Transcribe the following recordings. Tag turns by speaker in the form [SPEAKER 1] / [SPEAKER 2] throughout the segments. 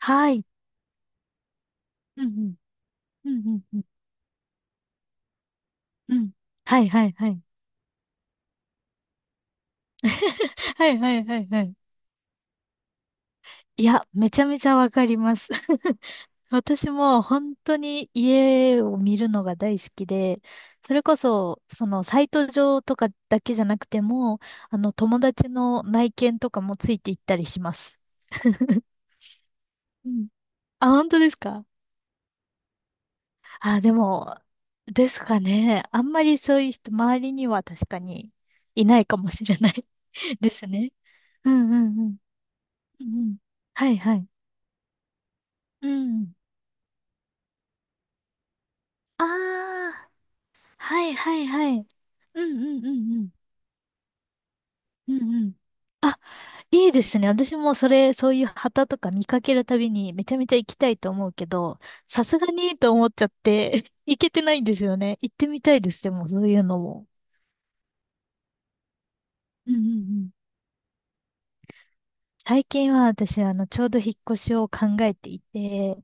[SPEAKER 1] はい。うんうん。うんうんうん。うん。はいはいはい。はいはいはいはい。いや、めちゃめちゃわかります。私も本当に家を見るのが大好きで、それこそ、そのサイト上とかだけじゃなくても、あの友達の内見とかもついていったりします。うん。あ、本当ですか？あ、でも、ですかね。あんまりそういう人、周りには確かにいないかもしれない。 ですね。うんうんうん。うんうん。はいはい。うん。ああ、はいはいはい。うんうんうんうん。うんうん。あ、いいですね。私もそれ、そういう旗とか見かけるたびにめちゃめちゃ行きたいと思うけど、さすがにと思っちゃって 行けてないんですよね。行ってみたいです。でも、そういうのも。うんうんうん。最近は私、あの、ちょうど引っ越しを考えていて、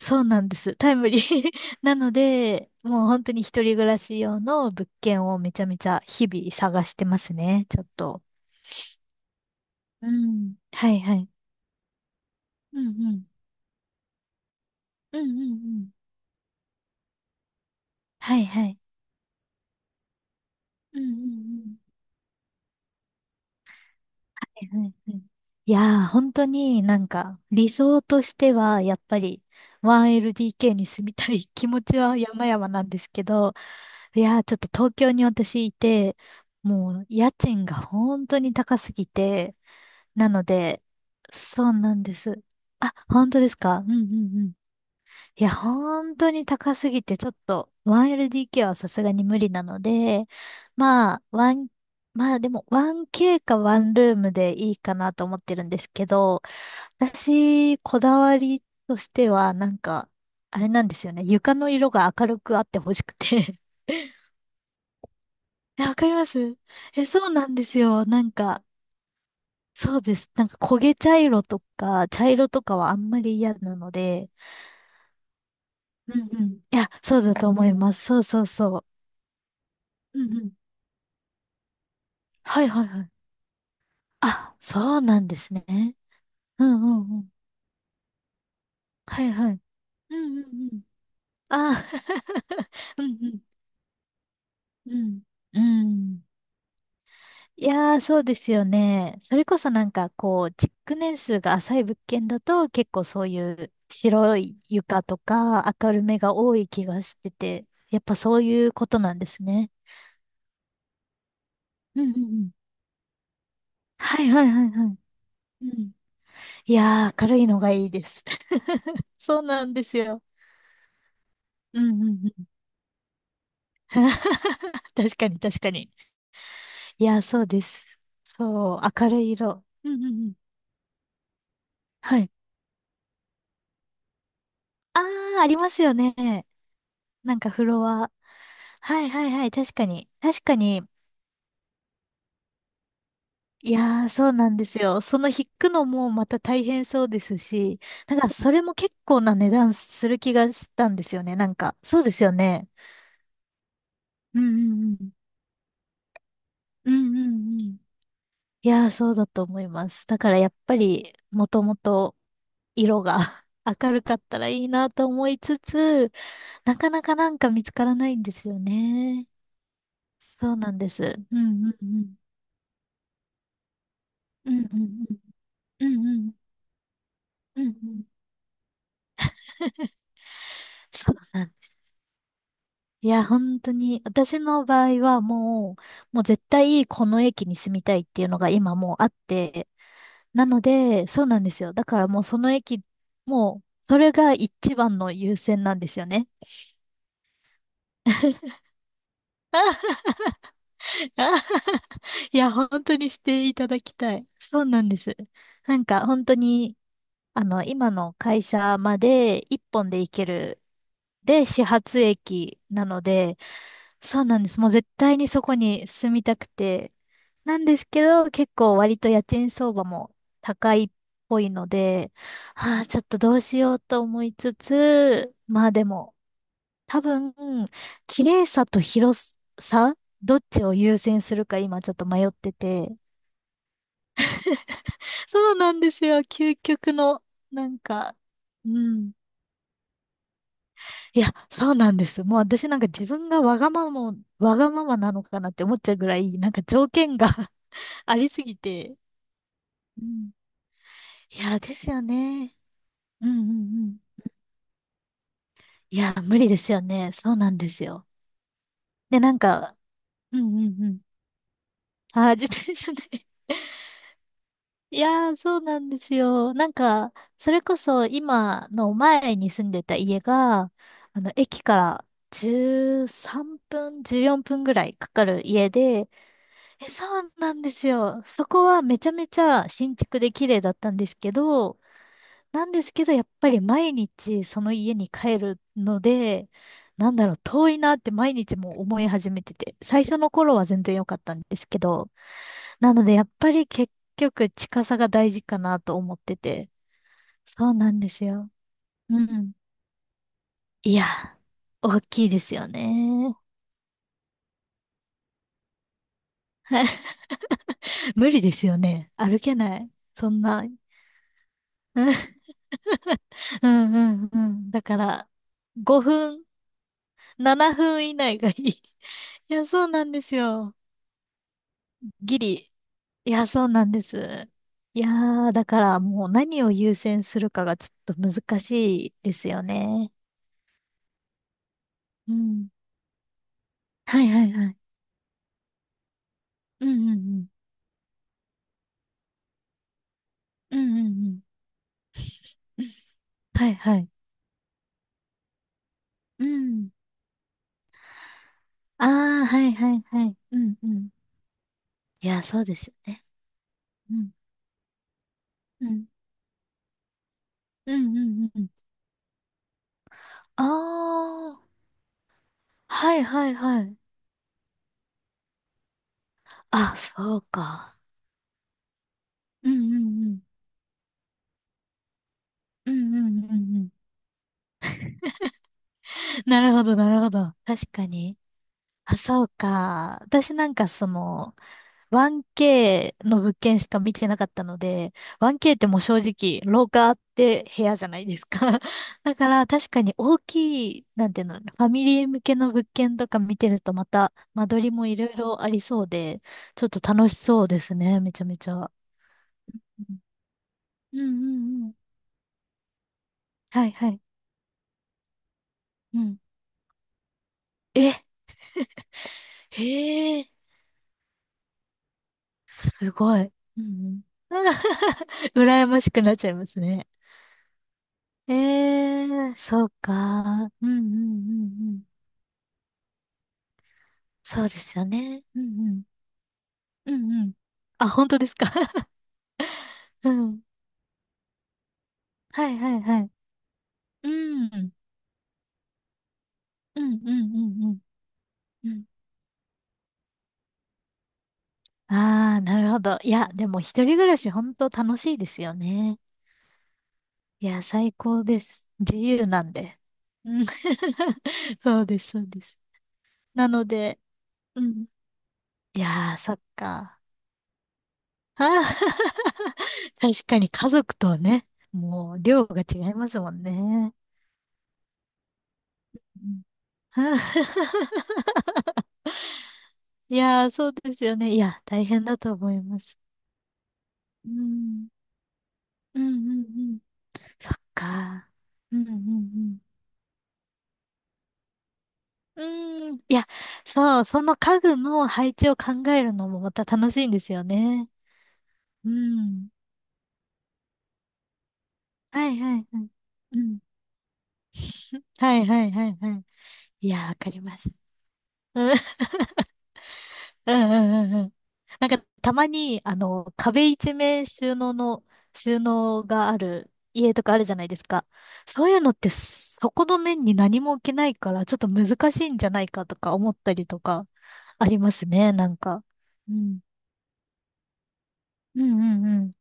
[SPEAKER 1] そうなんです。タイムリー なので、もう本当に一人暮らし用の物件をめちゃめちゃ日々探してますね、ちょっと。うん。はいはい。うんうん。うんうんうん。はいはい。うんうんうん。はいはいはい。いやー、本当になんか理想としてはやっぱり 1LDK に住みたい気持ちは山々なんですけど、いやー、ちょっと東京に私いて、もう家賃が本当に高すぎて、なので、そうなんです。あ、本当ですか？うんうんうん。いや、本当に高すぎて、ちょっと 1LDK はさすがに無理なので、まあ、まあでも 1K かワンルームでいいかなと思ってるんですけど、私、こだわりとしては、なんか、あれなんですよね。床の色が明るくあってほしくて。え、わかります？え、そうなんですよ。なんか、そうです。なんか焦げ茶色とか、茶色とかはあんまり嫌なので、うんうん。いや、そうだと思います。そうそうそう。うんうん。はいはいはい。あ、そうなんですね。うんうんうん。はいはい。うんうんうん。あ、うんうん。うん。うん。いやー、そうですよね。それこそなんかこう、築年数が浅い物件だと結構そういう白い床とか明るめが多い気がしてて、やっぱそういうことなんですね。うんうんうん。はいはいはいはい。うん。いやー、明るいのがいいです。そうなんですよ。うんうんうん。確かに確かに。いやー、そうです。そう、明るい色。うんうんうん。はい。あー、ありますよね。なんかフロア。はいはいはい、確かに。確かに。いやー、そうなんですよ。その引くのもまた大変そうですし、なんかそれも結構な値段する気がしたんですよね。なんか、そうですよね。うんうんうん。うんうんうん。いやー、そうだと思います。だからやっぱり、もともと色が 明るかったらいいなと思いつつ、なかなかなんか見つからないんですよね。そうなんです。うんうんうん。うんうんうん。うんうんうん。うんうん。そうなんです。いや、本当に、私の場合はもう、絶対この駅に住みたいっていうのが今もうあって、なので、そうなんですよ。だからもうその駅、もう、それが一番の優先なんですよね。いや、本当にしていただきたい。そうなんです。なんか、本当に、あの、今の会社まで一本で行ける、で、始発駅なので、そうなんです。もう絶対にそこに住みたくて。なんですけど、結構割と家賃相場も高いっぽいので、ああ、ちょっとどうしようと思いつつ、まあでも、多分、綺麗さと広さ、どっちを優先するか今ちょっと迷ってて。そうなんですよ。究極の、なんか、うん。いや、そうなんです。もう私なんか自分がわがままなのかなって思っちゃうぐらい、なんか条件が ありすぎて。うん。いや、ですよね。うんうんうん。いや、無理ですよね。そうなんですよ。で、なんか、うんうんうん。あー、自転車ね。いやー、そうなんですよ。なんか、それこそ今の前に住んでた家が、あの、駅から13分、14分ぐらいかかる家で、え、そうなんですよ。そこはめちゃめちゃ新築で綺麗だったんですけど、なんですけど、やっぱり毎日その家に帰るので、なんだろう、遠いなって毎日も思い始めてて、最初の頃は全然良かったんですけど、なのでやっぱり結局近さが大事かなと思ってて、そうなんですよ。うん。いや、大きいですよね。無理ですよね。歩けない。そんな。うんうんうん。だから、5分、7分以内がいい。いや、そうなんですよ。ギリ。いや、そうなんです。いやー、だからもう何を優先するかがちょっと難しいですよね。うん。はいはいはい。うんうんうん。うんうんうん。はいはい。うん。ああ、はいはいはい。うんうん。いや、そうですよね。うん。うん。うんうんうんうん。ああ、はいはいはい。あ、そうか。うんうんうん。うんうんうんうん。なるほど、なるほど。確かに。あ、そうか。私なんかその、1K の物件しか見てなかったので、1K ってもう正直、廊下あって部屋じゃないですか。だから確かに大きい、なんていうの、ファミリー向けの物件とか見てるとまた間取りもいろいろありそうで、ちょっと楽しそうですね、めちゃめちゃ。うんうんうんうん。はいはい。うん。え、へえ。すごい。うんうん。 羨ましくなっちゃいますね。ええー、そうか。うんうんうんうん。そうですよね。うんうん。うんうん。あ、本当ですか。うん。はいはいはい。うん。うんうんうんうんうん。ああ、なるほど。いや、でも一人暮らし本当楽しいですよね。いや、最高です。自由なんで。うん。そうです、そうです。なので、うん。いやー、そっか。あー 確かに家族とね、もう量が違いますもんね。うん。 いやー、そうですよね。いや、大変だと思います。うん。うんうんうん。そっか。うんうんうん。うん。いや、そう、その家具の配置を考えるのもまた楽しいんですよね。うん。はいはいはい。うん。はいはいはいはい。いや、わかります。うんうんうんうんうん。なんか、たまに、あの、壁一面収納の、収納がある家とかあるじゃないですか。そういうのって、そこの面に何も置けないから、ちょっと難しいんじゃないかとか思ったりとか、ありますね、なんか。うん。うんうん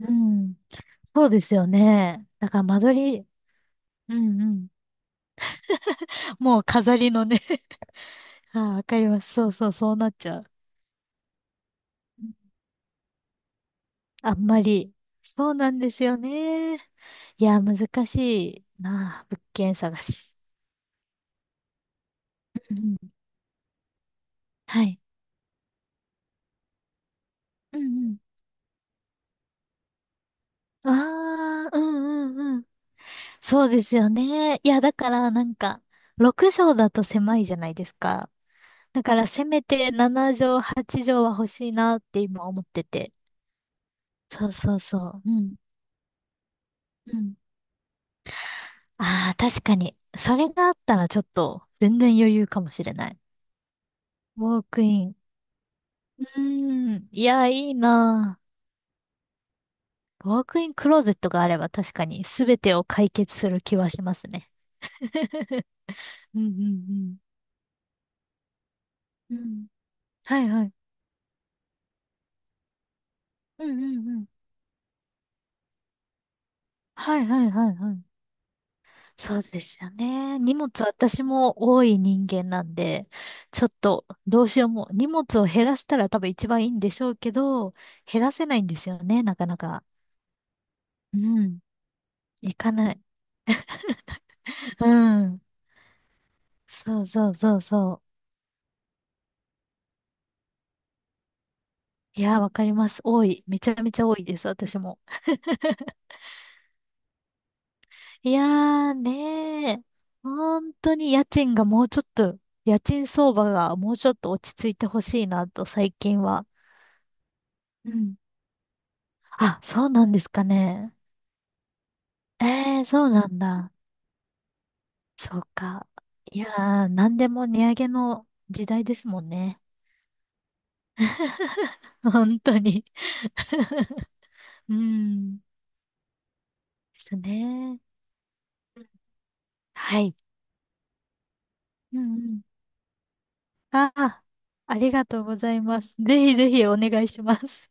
[SPEAKER 1] うん。うん。そうですよね。だから間取り、うんうん。もう飾りのね。 ああ、わかります。そうそう、そうなっちゃう。あんまり。そうなんですよね。いや、難しいなあ、物件探し。うんうん、はい。うんうん、ああ、うんうんうん。そうですよね。いや、だからなんか、6畳だと狭いじゃないですか。だからせめて7畳、8畳は欲しいなって今思ってて。そうそうそう。うん。うん、ああ、確かに。それがあったらちょっと、全然余裕かもしれない。ウォークイン。うーん。いや、いいなあ。ワークインクローゼットがあれば確かに全てを解決する気はしますね。うんうんうん。うん。はいはい。うんうんうん。はいはいはいはい。そうですよね。荷物私も多い人間なんで、ちょっとどうしようも、荷物を減らしたら多分一番いいんでしょうけど、減らせないんですよね、なかなか。うん。いかない。うん。そうそうそうそう。いや、わかります。多い。めちゃめちゃ多いです、私も。いやーねー、本当に家賃がもうちょっと、家賃相場がもうちょっと落ち着いてほしいなと最近は。うん。あ、そうなんですかね。えー、そうなんだ。そうか。いやー、なんでも値上げの時代ですもんね。本当に。 うん。ですね。はい。うんうん。ああ、ありがとうございます。ぜひぜひお願いします。